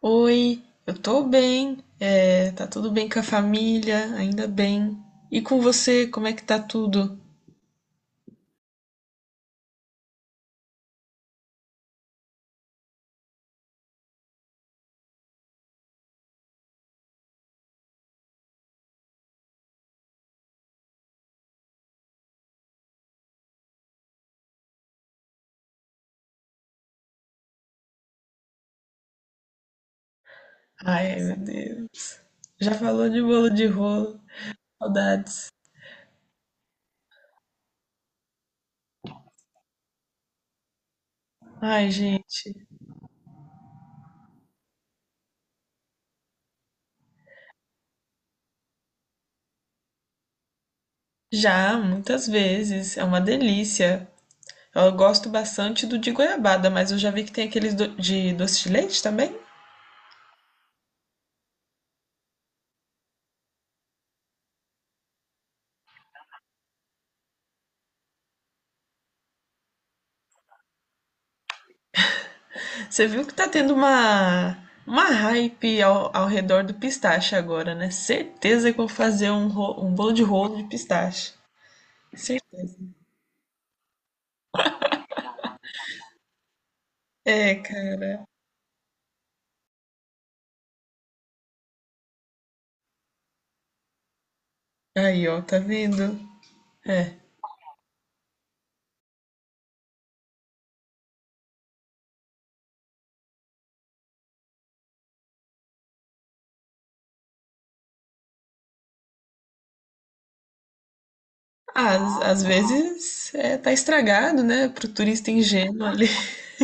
Oi, eu tô bem, é, tá tudo bem com a família, ainda bem. E com você, como é que tá tudo? Ai, meu Deus. Já falou de bolo de rolo, saudades. Ai, gente, já muitas vezes, é uma delícia. Eu gosto bastante do de goiabada, mas eu já vi que tem aqueles de doce de leite também. Você viu que tá tendo uma hype ao redor do pistache agora, né? Certeza que eu vou fazer um bolo de rolo de pistache. Certeza. É, cara. Aí, ó, tá vendo? É. Às vezes é, tá estragado, né? Pro turista ingênuo ali.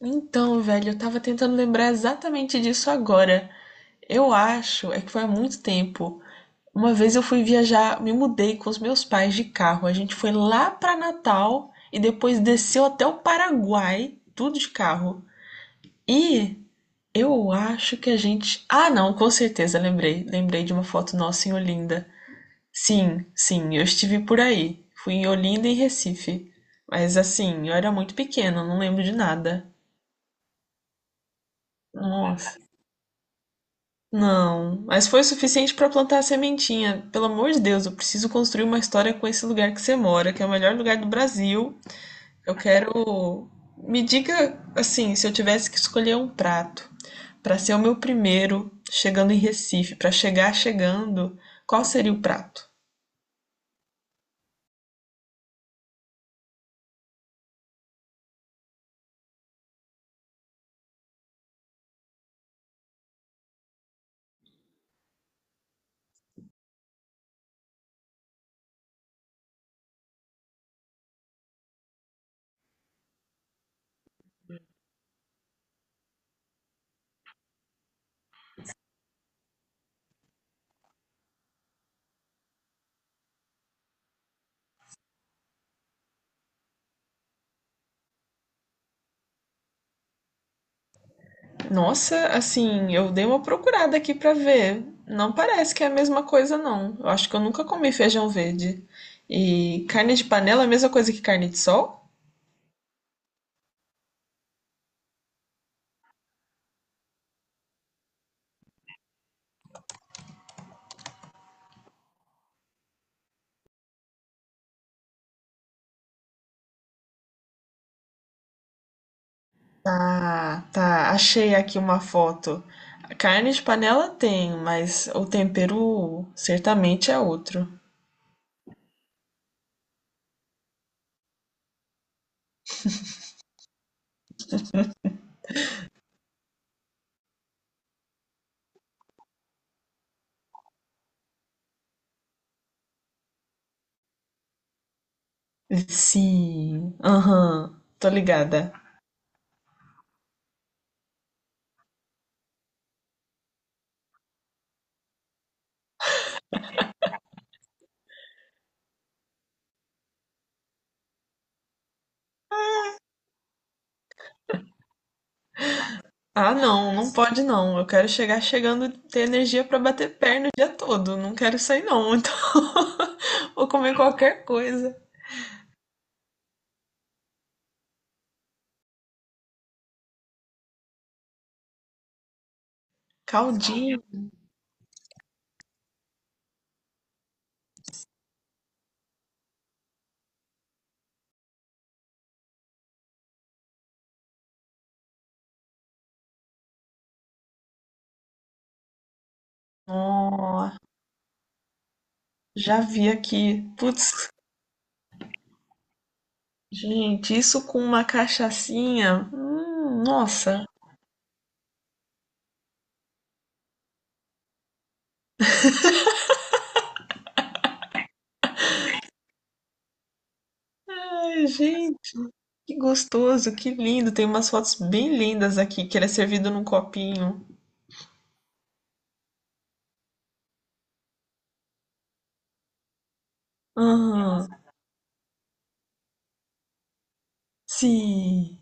Então, velho, eu tava tentando lembrar exatamente disso agora. Eu acho, é que foi há muito tempo. Uma vez eu fui viajar, me mudei com os meus pais de carro. A gente foi lá pra Natal e depois desceu até o Paraguai, tudo de carro. E eu acho que a gente. Ah, não, com certeza, lembrei. Lembrei de uma foto nossa em Olinda. Sim, sim, eu estive por aí. Fui em Olinda e Recife. Mas assim, eu era muito pequena, não lembro de nada. Nossa. Não, mas foi o suficiente para plantar a sementinha. Pelo amor de Deus, eu preciso construir uma história com esse lugar que você mora, que é o melhor lugar do Brasil. Eu quero. Me diga, assim, se eu tivesse que escolher um prato para ser o meu primeiro chegando em Recife, para chegar chegando, qual seria o prato? Nossa, assim, eu dei uma procurada aqui pra ver. Não parece que é a mesma coisa, não. Eu acho que eu nunca comi feijão verde. E carne de panela é a mesma coisa que carne de sol? Tá, tá. Achei aqui uma foto. A carne de panela tem, mas o tempero certamente é outro. Sim, aham, tô ligada. Ah, não, não pode não. Eu quero chegar chegando, ter energia pra bater perna o dia todo. Não quero isso aí não. Então, vou comer qualquer coisa. Caldinho. Ó, já vi aqui. Putz, gente, isso com uma cachaçinha. Nossa. Ai, gente, que gostoso, que lindo. Tem umas fotos bem lindas aqui, que ele é servido num copinho. Ah, sim.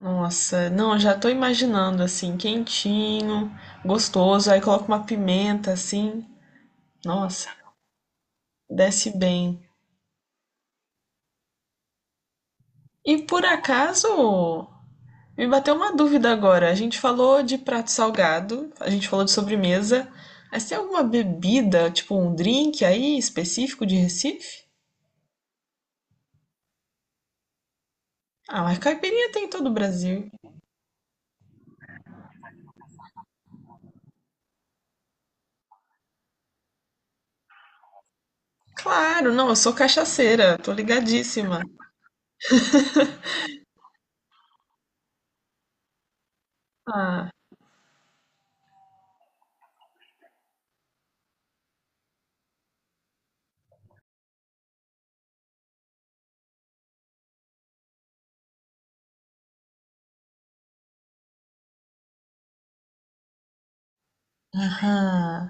Nossa, não, já tô imaginando assim, quentinho, gostoso, aí coloca uma pimenta assim. Nossa, desce bem. E por acaso, me bateu uma dúvida agora. A gente falou de prato salgado, a gente falou de sobremesa, mas tem alguma bebida, tipo um drink aí específico de Recife? Ah, mas caipirinha tem em todo o Brasil. Claro, não, eu sou cachaceira, tô ligadíssima. Ah, aham.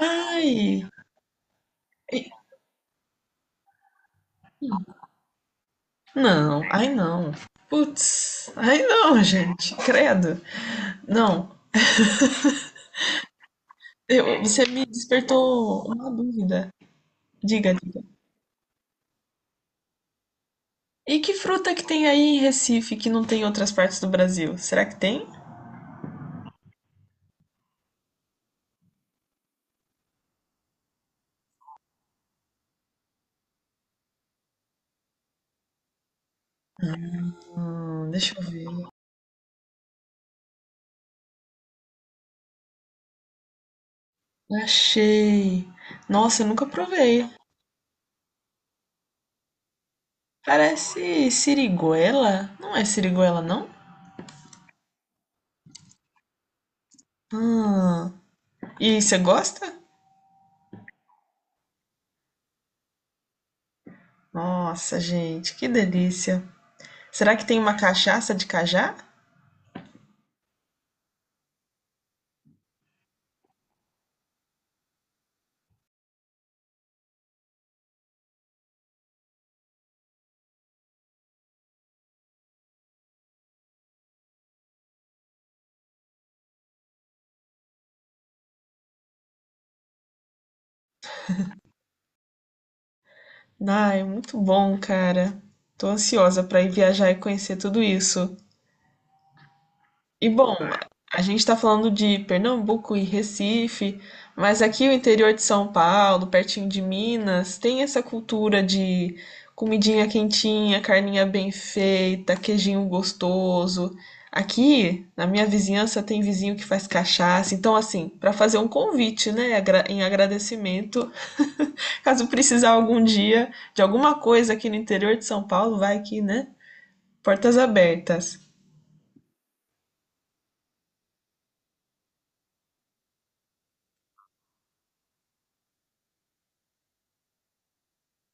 Ai, e, não, ai não. Putz, ai não, gente, credo. Não, eu- você me despertou uma dúvida. Diga, diga. E que fruta que tem aí em Recife que não tem em outras partes do Brasil? Será que tem? Deixa eu ver. Achei. Nossa, eu nunca provei. Parece siriguela? Não é siriguela, não? Hum. E você gosta? Nossa, gente, que delícia. Será que tem uma cachaça de cajá? Ai, muito bom, cara. Tô ansiosa pra ir viajar e conhecer tudo isso. E bom, a gente tá falando de Pernambuco e Recife, mas aqui o interior de São Paulo, pertinho de Minas, tem essa cultura de comidinha quentinha, carninha bem feita, queijinho gostoso. Aqui, na minha vizinhança, tem vizinho que faz cachaça. Então, assim, pra fazer um convite, né, em agradecimento. Caso precisar algum dia de alguma coisa aqui no interior de São Paulo, vai aqui, né? Portas abertas.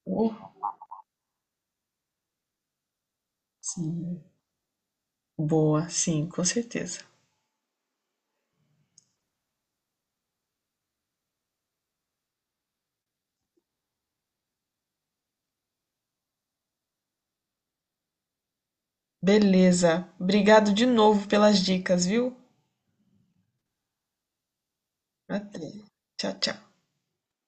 Uh, Sim. Boa, sim, com certeza. Beleza. Obrigado de novo pelas dicas, viu? Até. Tchau, tchau.